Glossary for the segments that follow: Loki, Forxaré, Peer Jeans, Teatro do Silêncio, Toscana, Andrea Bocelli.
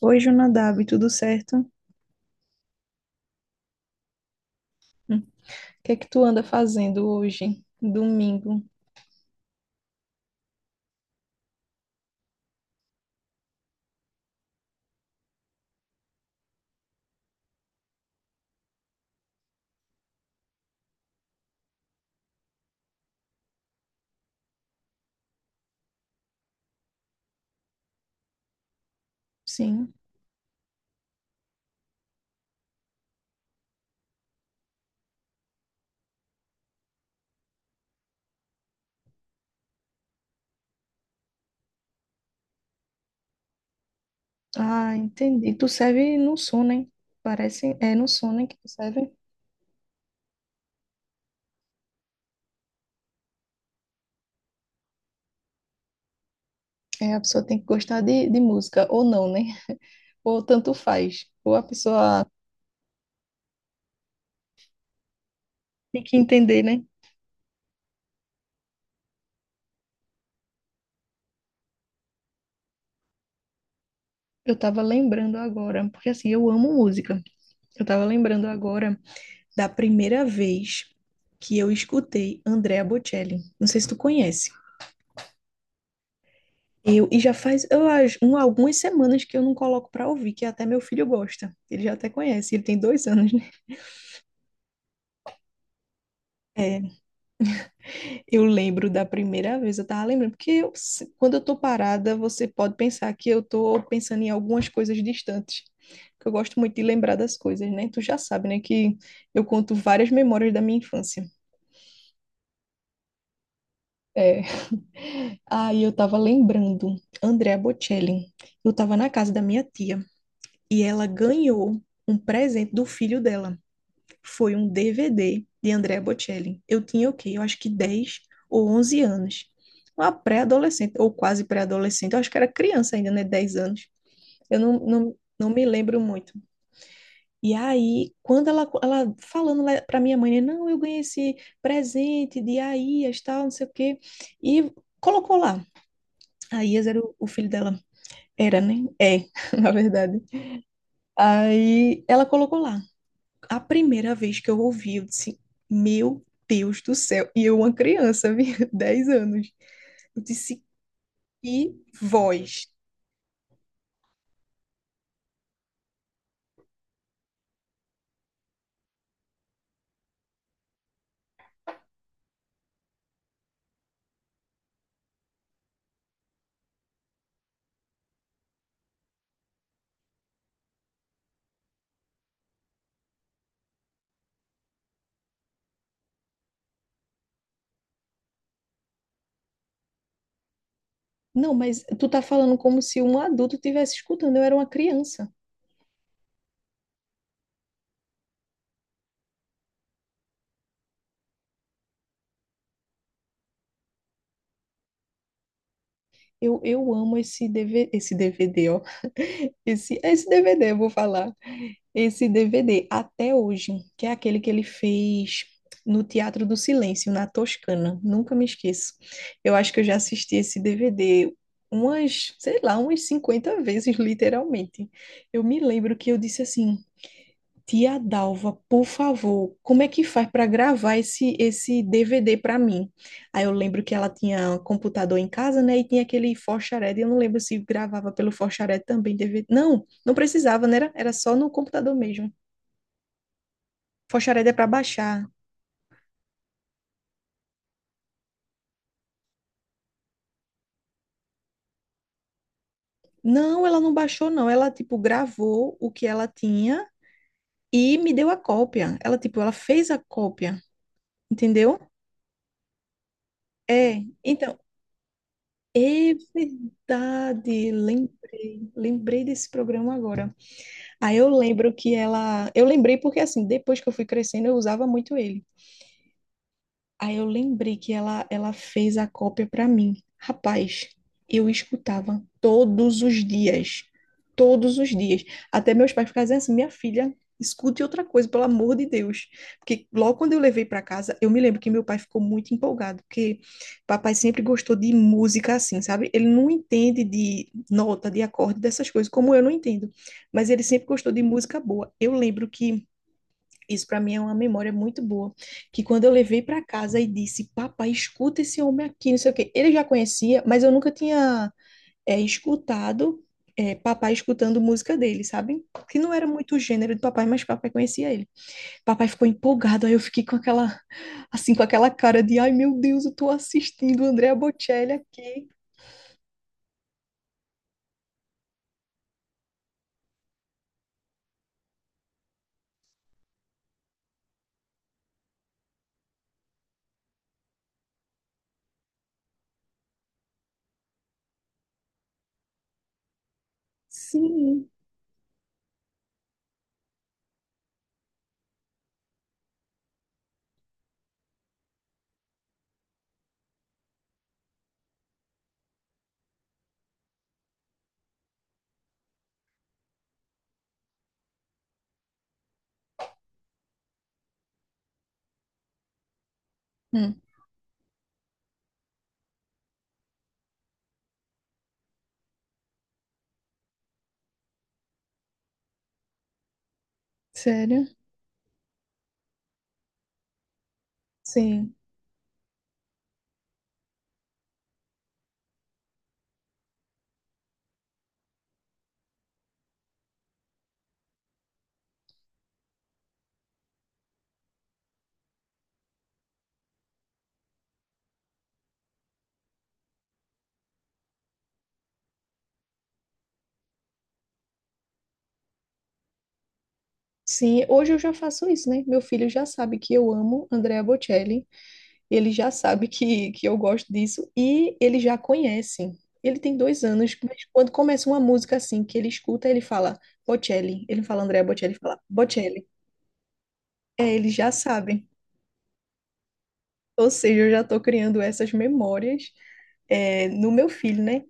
Oi, Jonadab, tudo certo? O que é que tu anda fazendo hoje, domingo? Sim. Ah, entendi. Tu serve no sono, hein? Parece, é no sono, hein, que tu serve. É, a pessoa tem que gostar de música, ou não, né? Ou tanto faz. Ou a pessoa tem que entender, né? Eu tava lembrando agora, porque assim, eu amo música. Eu tava lembrando agora da primeira vez que eu escutei Andrea Bocelli. Não sei se tu conhece. E já faz, eu acho, algumas semanas que eu não coloco pra ouvir, que até meu filho gosta. Ele já até conhece, ele tem 2 anos, né? É, eu lembro da primeira vez, eu tava lembrando, porque eu se- quando eu tô parada, você pode pensar que eu tô pensando em algumas coisas distantes, que eu gosto muito de lembrar das coisas, né? Tu já sabe, né, que eu conto várias memórias da minha infância. É. Aí eu tava lembrando, Andrea Bocelli, eu tava na casa da minha tia, e ela ganhou um presente do filho dela. Foi um DVD de Andrea Bocelli. Eu tinha o quê? Eu acho que 10 ou 11 anos. Uma pré-adolescente, ou quase pré-adolescente. Eu acho que era criança ainda, né? 10 anos. Eu não, não, não me lembro muito. E aí, quando ela falando para minha mãe, né, não, eu ganhei esse presente de Aias, tal, não sei o quê. E colocou lá. Aias era o filho dela. Era, né? É, na verdade. Aí ela colocou lá. A primeira vez que eu ouvi, eu disse, meu Deus do céu. E eu, uma criança, vi, 10 anos. Eu disse, que voz. Não, mas tu tá falando como se um adulto estivesse escutando. Eu era uma criança. Eu amo esse DVD, esse DVD, ó. Esse DVD, eu vou falar. Esse DVD até hoje, que é aquele que ele fez no Teatro do Silêncio, na Toscana. Nunca me esqueço. Eu acho que eu já assisti esse DVD umas, sei lá, umas 50 vezes, literalmente. Eu me lembro que eu disse assim: Tia Dalva, por favor, como é que faz para gravar esse DVD para mim? Aí eu lembro que ela tinha um computador em casa, né? E tinha aquele Forxaré, eu não lembro se gravava pelo Forxaré também DVD. Não, não precisava, né? Era só no computador mesmo. Foxhared é para baixar. Não, ela não baixou, não. Ela, tipo, gravou o que ela tinha e me deu a cópia. Ela, tipo, ela fez a cópia, entendeu? É, então, é verdade. Lembrei, lembrei desse programa agora. Aí eu lembro que ela. Eu lembrei porque, assim, depois que eu fui crescendo, eu usava muito ele. Aí eu lembrei que ela fez a cópia para mim. Rapaz, eu escutava todos os dias. Todos os dias. Até meus pais ficavam dizendo assim: minha filha, escute outra coisa, pelo amor de Deus. Porque logo quando eu levei para casa, eu me lembro que meu pai ficou muito empolgado, porque papai sempre gostou de música assim, sabe? Ele não entende de nota, de acorde, dessas coisas, como eu não entendo. Mas ele sempre gostou de música boa. Eu lembro que isso para mim é uma memória muito boa, que quando eu levei para casa e disse, papai, escuta esse homem aqui, não sei o quê. Ele já conhecia, mas eu nunca tinha escutado papai escutando música dele, sabe? Que não era muito o gênero de papai, mas papai conhecia ele. Papai ficou empolgado, aí eu fiquei com aquela, assim, com aquela cara de, ai meu Deus, eu tô assistindo Andrea Bocelli aqui. Sim. Hum, Sério? Sim. Sim, hoje eu já faço isso, né? Meu filho já sabe que eu amo Andrea Bocelli. Ele já sabe que eu gosto disso e ele já conhece. Ele tem dois anos, mas quando começa uma música assim que ele escuta, ele fala Bocelli. Ele fala Andrea Bocelli, ele fala Bocelli. É, ele já sabe. Ou seja, eu já estou criando essas memórias é, no meu filho, né?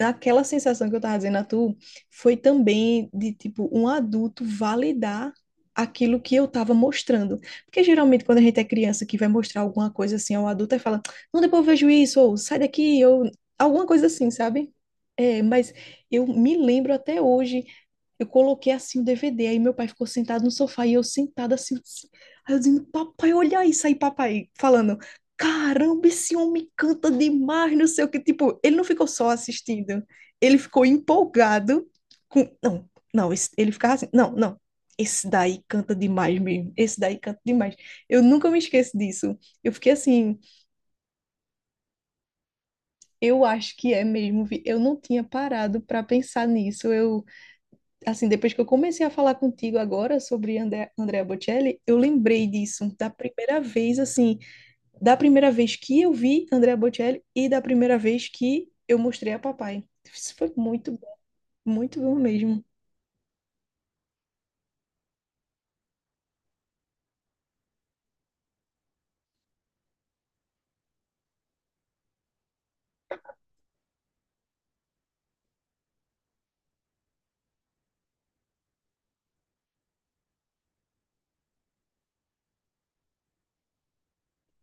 Aquela sensação que eu estava dizendo a tu foi também de, tipo, um adulto validar aquilo que eu estava mostrando. Porque geralmente quando a gente é criança que vai mostrar alguma coisa assim ao adulto, aí fala, não, depois eu vejo isso, ou sai daqui, ou alguma coisa assim, sabe? É, mas eu me lembro até hoje eu coloquei assim o DVD, aí meu pai ficou sentado no sofá e eu sentada assim. Aí eu dizendo, papai, olha isso aí, papai, falando, caramba, esse homem canta demais, não sei o que. Tipo, ele não ficou só assistindo, ele ficou empolgado com. Não, não, ele ficava assim, não, não. Esse daí canta demais mesmo, esse daí canta demais. Eu nunca me esqueço disso. Eu fiquei assim, eu acho que é mesmo, eu não tinha parado para pensar nisso. Eu assim, depois que eu comecei a falar contigo agora sobre André, Andrea Bocelli, eu lembrei disso da primeira vez, assim, da primeira vez que eu vi Andrea Bocelli e da primeira vez que eu mostrei a papai. Isso foi muito bom mesmo.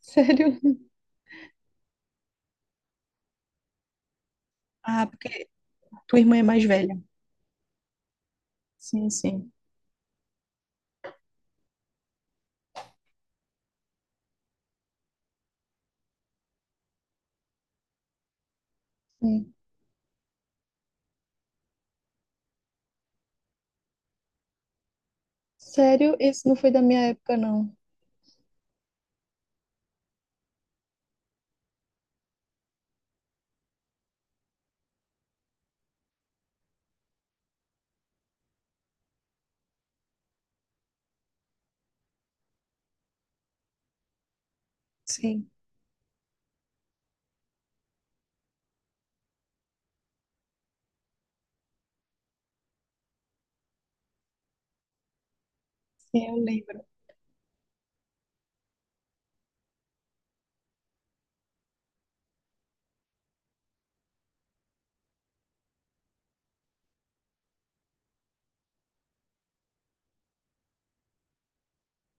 Sério. Ah, porque tua irmã é mais velha. Sim, sim. Sim. Sério, esse não foi da minha época, não. Sim, sim, eu lembro.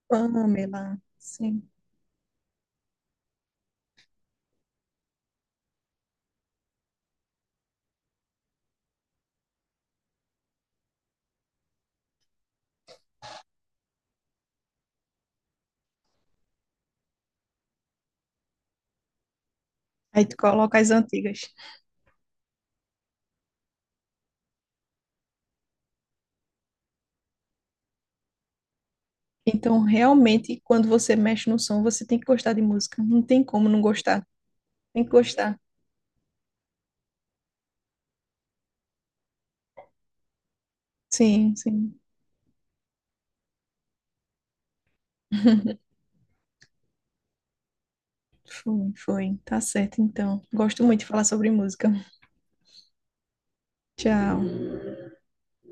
Pamela, sim. Aí tu coloca as antigas. Então, realmente, quando você mexe no som, você tem que gostar de música. Não tem como não gostar. Tem que gostar. Sim, sim. Foi, foi. Tá certo, então. Gosto muito de falar sobre música. Tchau.